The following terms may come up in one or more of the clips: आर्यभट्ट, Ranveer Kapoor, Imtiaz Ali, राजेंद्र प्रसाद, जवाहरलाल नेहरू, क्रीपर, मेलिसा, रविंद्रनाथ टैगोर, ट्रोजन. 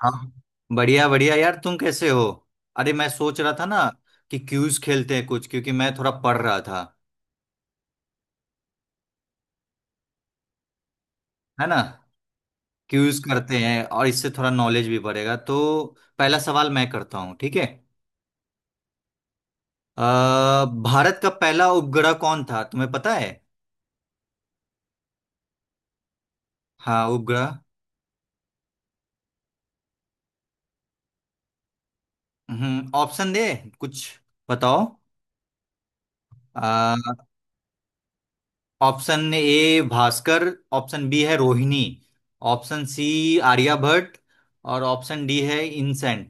हाँ हाँ। बढ़िया बढ़िया यार, तुम कैसे हो। अरे, मैं सोच रहा था ना कि क्यूज खेलते हैं कुछ, क्योंकि मैं थोड़ा पढ़ रहा था। है ना। क्यूज करते हैं और इससे थोड़ा नॉलेज भी बढ़ेगा, तो पहला सवाल मैं करता हूँ, ठीक है। अ, भारत का पहला उपग्रह कौन था, तुम्हें पता है। हाँ, उपग्रह। ऑप्शन दे कुछ, बताओ। अ, option A Bhaskar, option B है रोहिणी, ऑप्शन सी आर्यभट्ट, और ऑप्शन डी है इनसैन।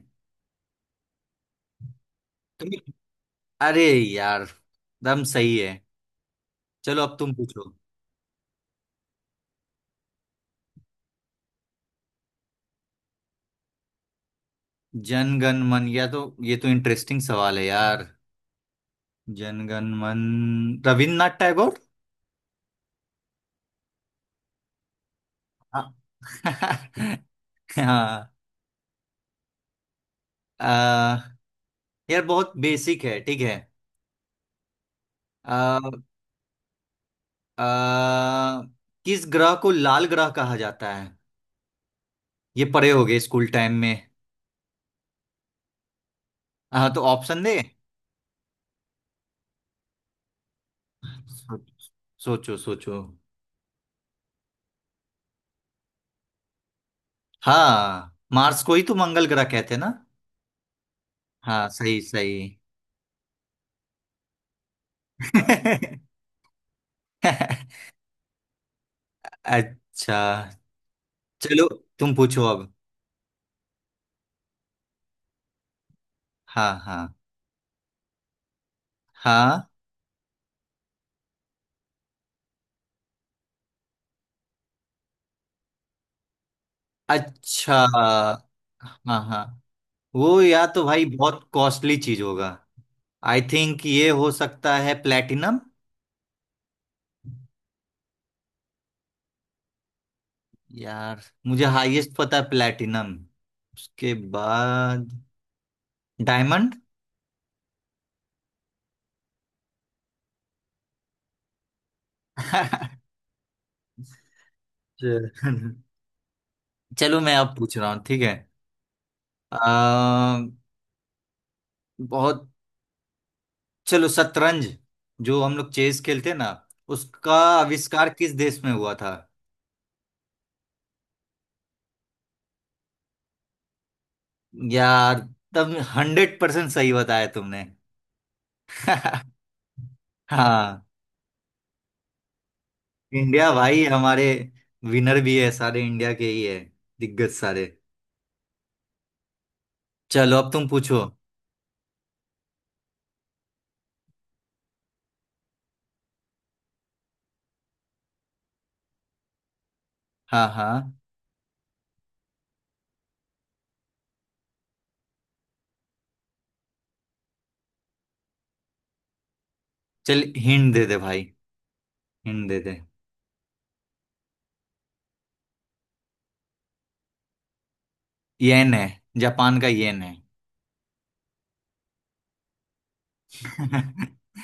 अरे यार, दम सही है। चलो अब तुम पूछो। जनगण मन, या तो ये तो इंटरेस्टिंग सवाल है यार। जनगण मन, रविन्द्रनाथ टैगोर। हाँ। हाँ। अ, यार बहुत बेसिक है, ठीक है। आ, किस ग्रह को लाल ग्रह कहा जाता है, ये पढ़े होगे स्कूल टाइम में। हाँ, तो ऑप्शन दे। सोच- सोचो सोचो। हाँ, मार्स को ही तो मंगल ग्रह कहते हैं ना। हाँ, सही सही। अच्छा। चलो तुम पूछो अब। हाँ हाँ। हाँ, अच्छा। हाँ हाँ, वो या तो भाई बहुत कॉस्टली चीज होगा। आई थिंक ये हो सकता है प्लेटिनम। यार मुझे हाईएस्ट पता है प्लेटिनम, उसके बाद डायमंड। चलो। चलो, मैं अब पूछ रहा हूँ, ठीक है। आ, बहुत, चलो शतरंज, जो हम लोग चेस खेलते हैं ना, उसका आविष्कार किस देश में हुआ था। यार, तब 100% सही बताया तुमने। हाँ। इंडिया, भाई हमारे विनर भी है सारे, इंडिया के ही है दिग्गज सारे। चलो अब तुम पूछो। हाँ हाँ। चल हिंट दे दे भाई, हिंट दे दे। येन है, जापान का येन है।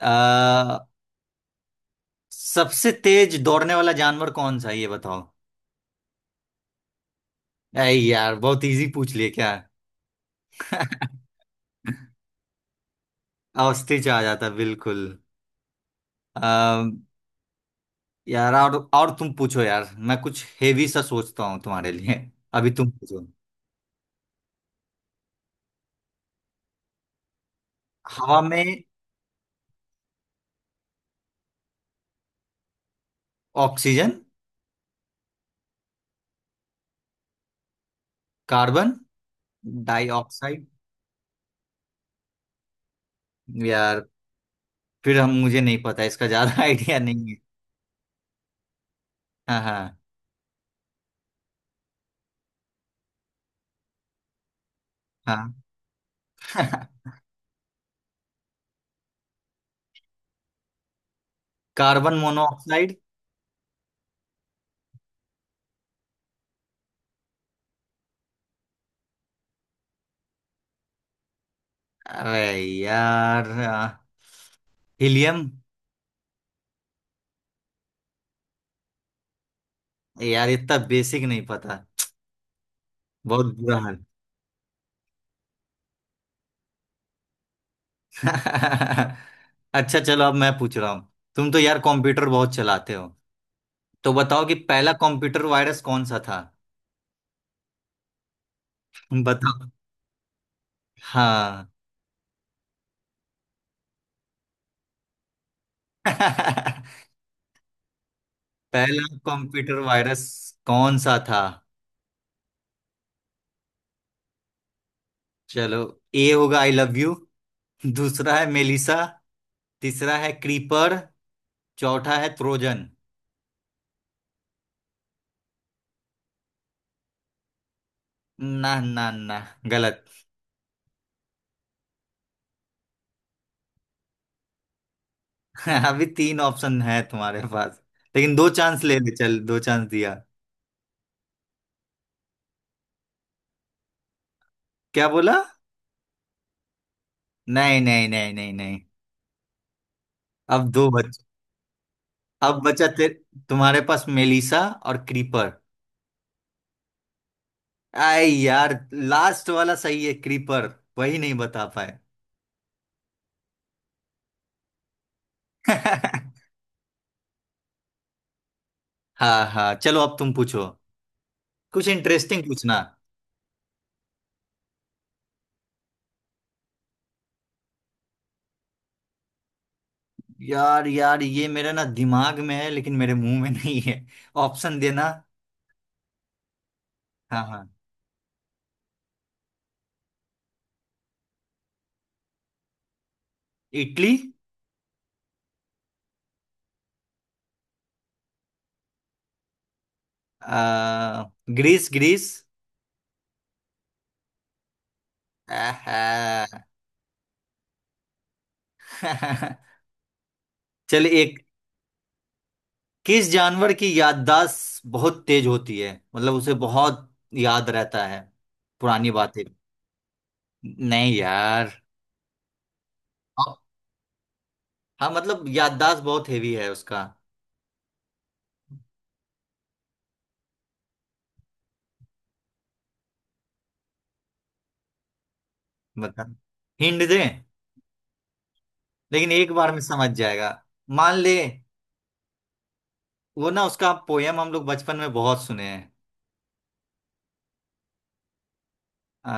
आ, सबसे तेज दौड़ने वाला जानवर कौन सा है, ये बताओ। अरे यार, बहुत इजी पूछ लिए क्या। ऑस्ट्रिच आ जाता बिल्कुल। यार, और तुम पूछो, यार मैं कुछ हेवी सा सोचता हूँ तुम्हारे लिए। अभी तुम पूछो। हवा में ऑक्सीजन, कार्बन डाइऑक्साइड। यार फिर हम, मुझे नहीं पता इसका ज्यादा आइडिया नहीं है। हाँ हाँ। हाँ। Carbon monoxide. अरे यार, हीलियम। यार इतना बेसिक नहीं पता, बहुत बुरा हाल। अच्छा, चलो अब मैं पूछ रहा हूँ। तुम तो यार कंप्यूटर बहुत चलाते हो, तो बताओ कि पहला कंप्यूटर वायरस कौन सा था। बताओ। हाँ। पहला कंप्यूटर वायरस कौन सा था। चलो, ए होगा आई लव यू, दूसरा है मेलिसा, तीसरा है क्रीपर, चौथा है ट्रोजन। ना ना ना, गलत। अभी तीन ऑप्शन है तुम्हारे पास, लेकिन दो चांस ले ले, चल दो चांस दिया। क्या बोला। नहीं नहीं नहीं नहीं नहीं। अब दो बच, अब बचा तेरे, तुम्हारे पास मेलिसा और क्रीपर। आई यार, लास्ट वाला सही है क्रीपर, वही नहीं बता पाए। हाँ हाँ, चलो अब तुम पूछो, कुछ इंटरेस्टिंग पूछना। यार यार, ये मेरे ना दिमाग में है लेकिन मेरे मुंह में नहीं है। ऑप्शन देना। हाँ हाँ। इटली। आ, ग्रीस ग्रीस। आहा। चल एक। किस जानवर की याददाश्त बहुत तेज होती है, मतलब उसे बहुत याद रहता है पुरानी बातें। नहीं यार। हाँ, हाँ, मतलब याददाश्त बहुत हेवी है उसका। मतलब हिंट दे, लेकिन एक बार में समझ जाएगा। मान ले, वो ना उसका पोयम हम लोग बचपन में बहुत सुने हैं। अ,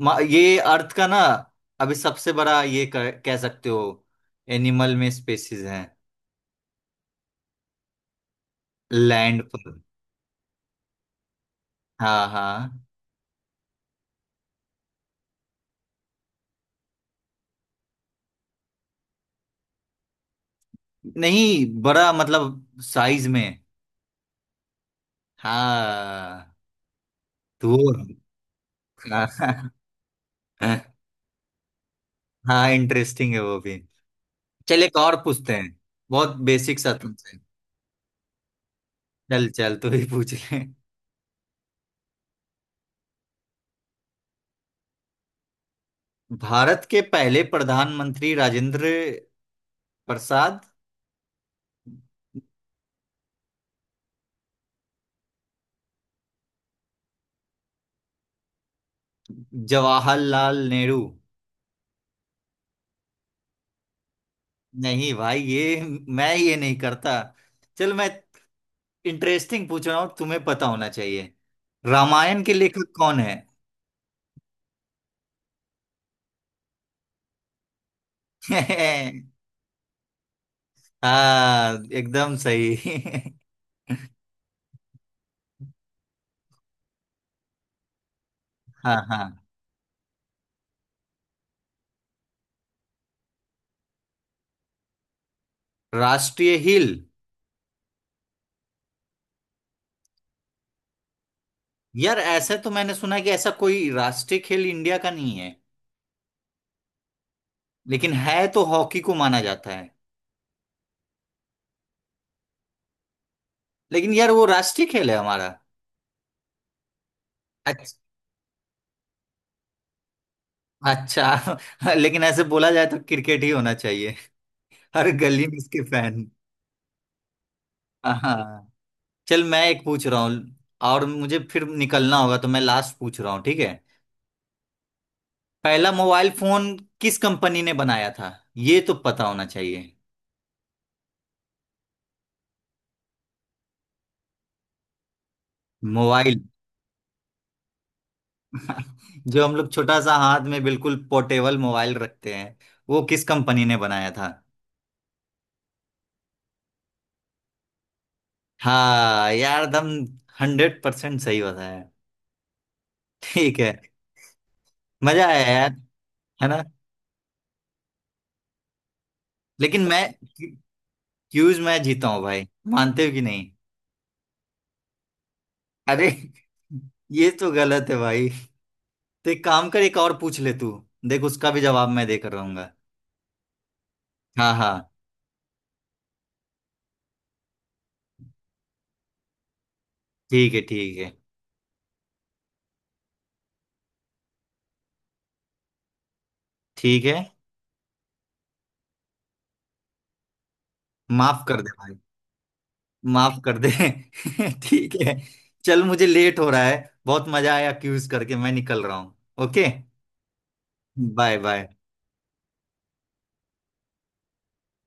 मा- ये अर्थ का ना, अभी सबसे बड़ा, ये कह कह सकते हो एनिमल में स्पेसिस हैं लैंड पर। हाँ हाँ। नहीं, बड़ा मतलब साइज में। हाँ। तो हाँ हाँ, इंटरेस्टिंग है वो भी। चल एक और पूछते हैं, बहुत बेसिक सा तुमसे। चल चल तू ही पूछ ले। भारत के पहले प्रधानमंत्री राजेंद्र प्रसाद। जवाहरलाल नेहरू। नहीं भाई, ये मैं ये नहीं करता। चल मैं इंटरेस्टिंग पूछ रहा हूँ, तुम्हें पता होना चाहिए। रामायण के लेखक कौन है। हाँ एकदम सही। हाँ हाँ। राष्ट्रीय खेल। यार ऐसा तो मैंने सुना है कि ऐसा कोई राष्ट्रीय खेल इंडिया का नहीं है। लेकिन है तो हॉकी को माना जाता है। लेकिन यार वो राष्ट्रीय खेल है हमारा। अच्छा। अच्छा। लेकिन ऐसे बोला जाए तो क्रिकेट ही होना चाहिए, हर गली में इसके फैन। हाँ। चल मैं एक पूछ रहा हूँ और मुझे फिर निकलना होगा, तो मैं लास्ट पूछ रहा हूँ, ठीक है। पहला मोबाइल फोन किस कंपनी ने बनाया था, ये तो पता होना चाहिए। मोबाइल, जो हम लोग छोटा सा हाथ में बिल्कुल पोर्टेबल मोबाइल रखते हैं, वो किस कंपनी ने बनाया था। हाँ यार दम, 100% सही बताया, ठीक है। मजा आया यार। है ना। लेकिन मैं, क्यूज मैं जीता हूँ भाई, मानते हो कि नहीं। अरे, ये तो गलत है भाई, तो एक काम कर एक और पूछ ले तू, देख उसका भी जवाब मैं देकर रहूंगा। हाँ हाँ। ठीक है ठीक है ठीक है। माफ कर दे भाई, माफ कर दे। ठीक है। चल मुझे लेट हो रहा है, बहुत मजा आया क्यूज करके, मैं निकल रहा हूँ। ओके। Bye bye.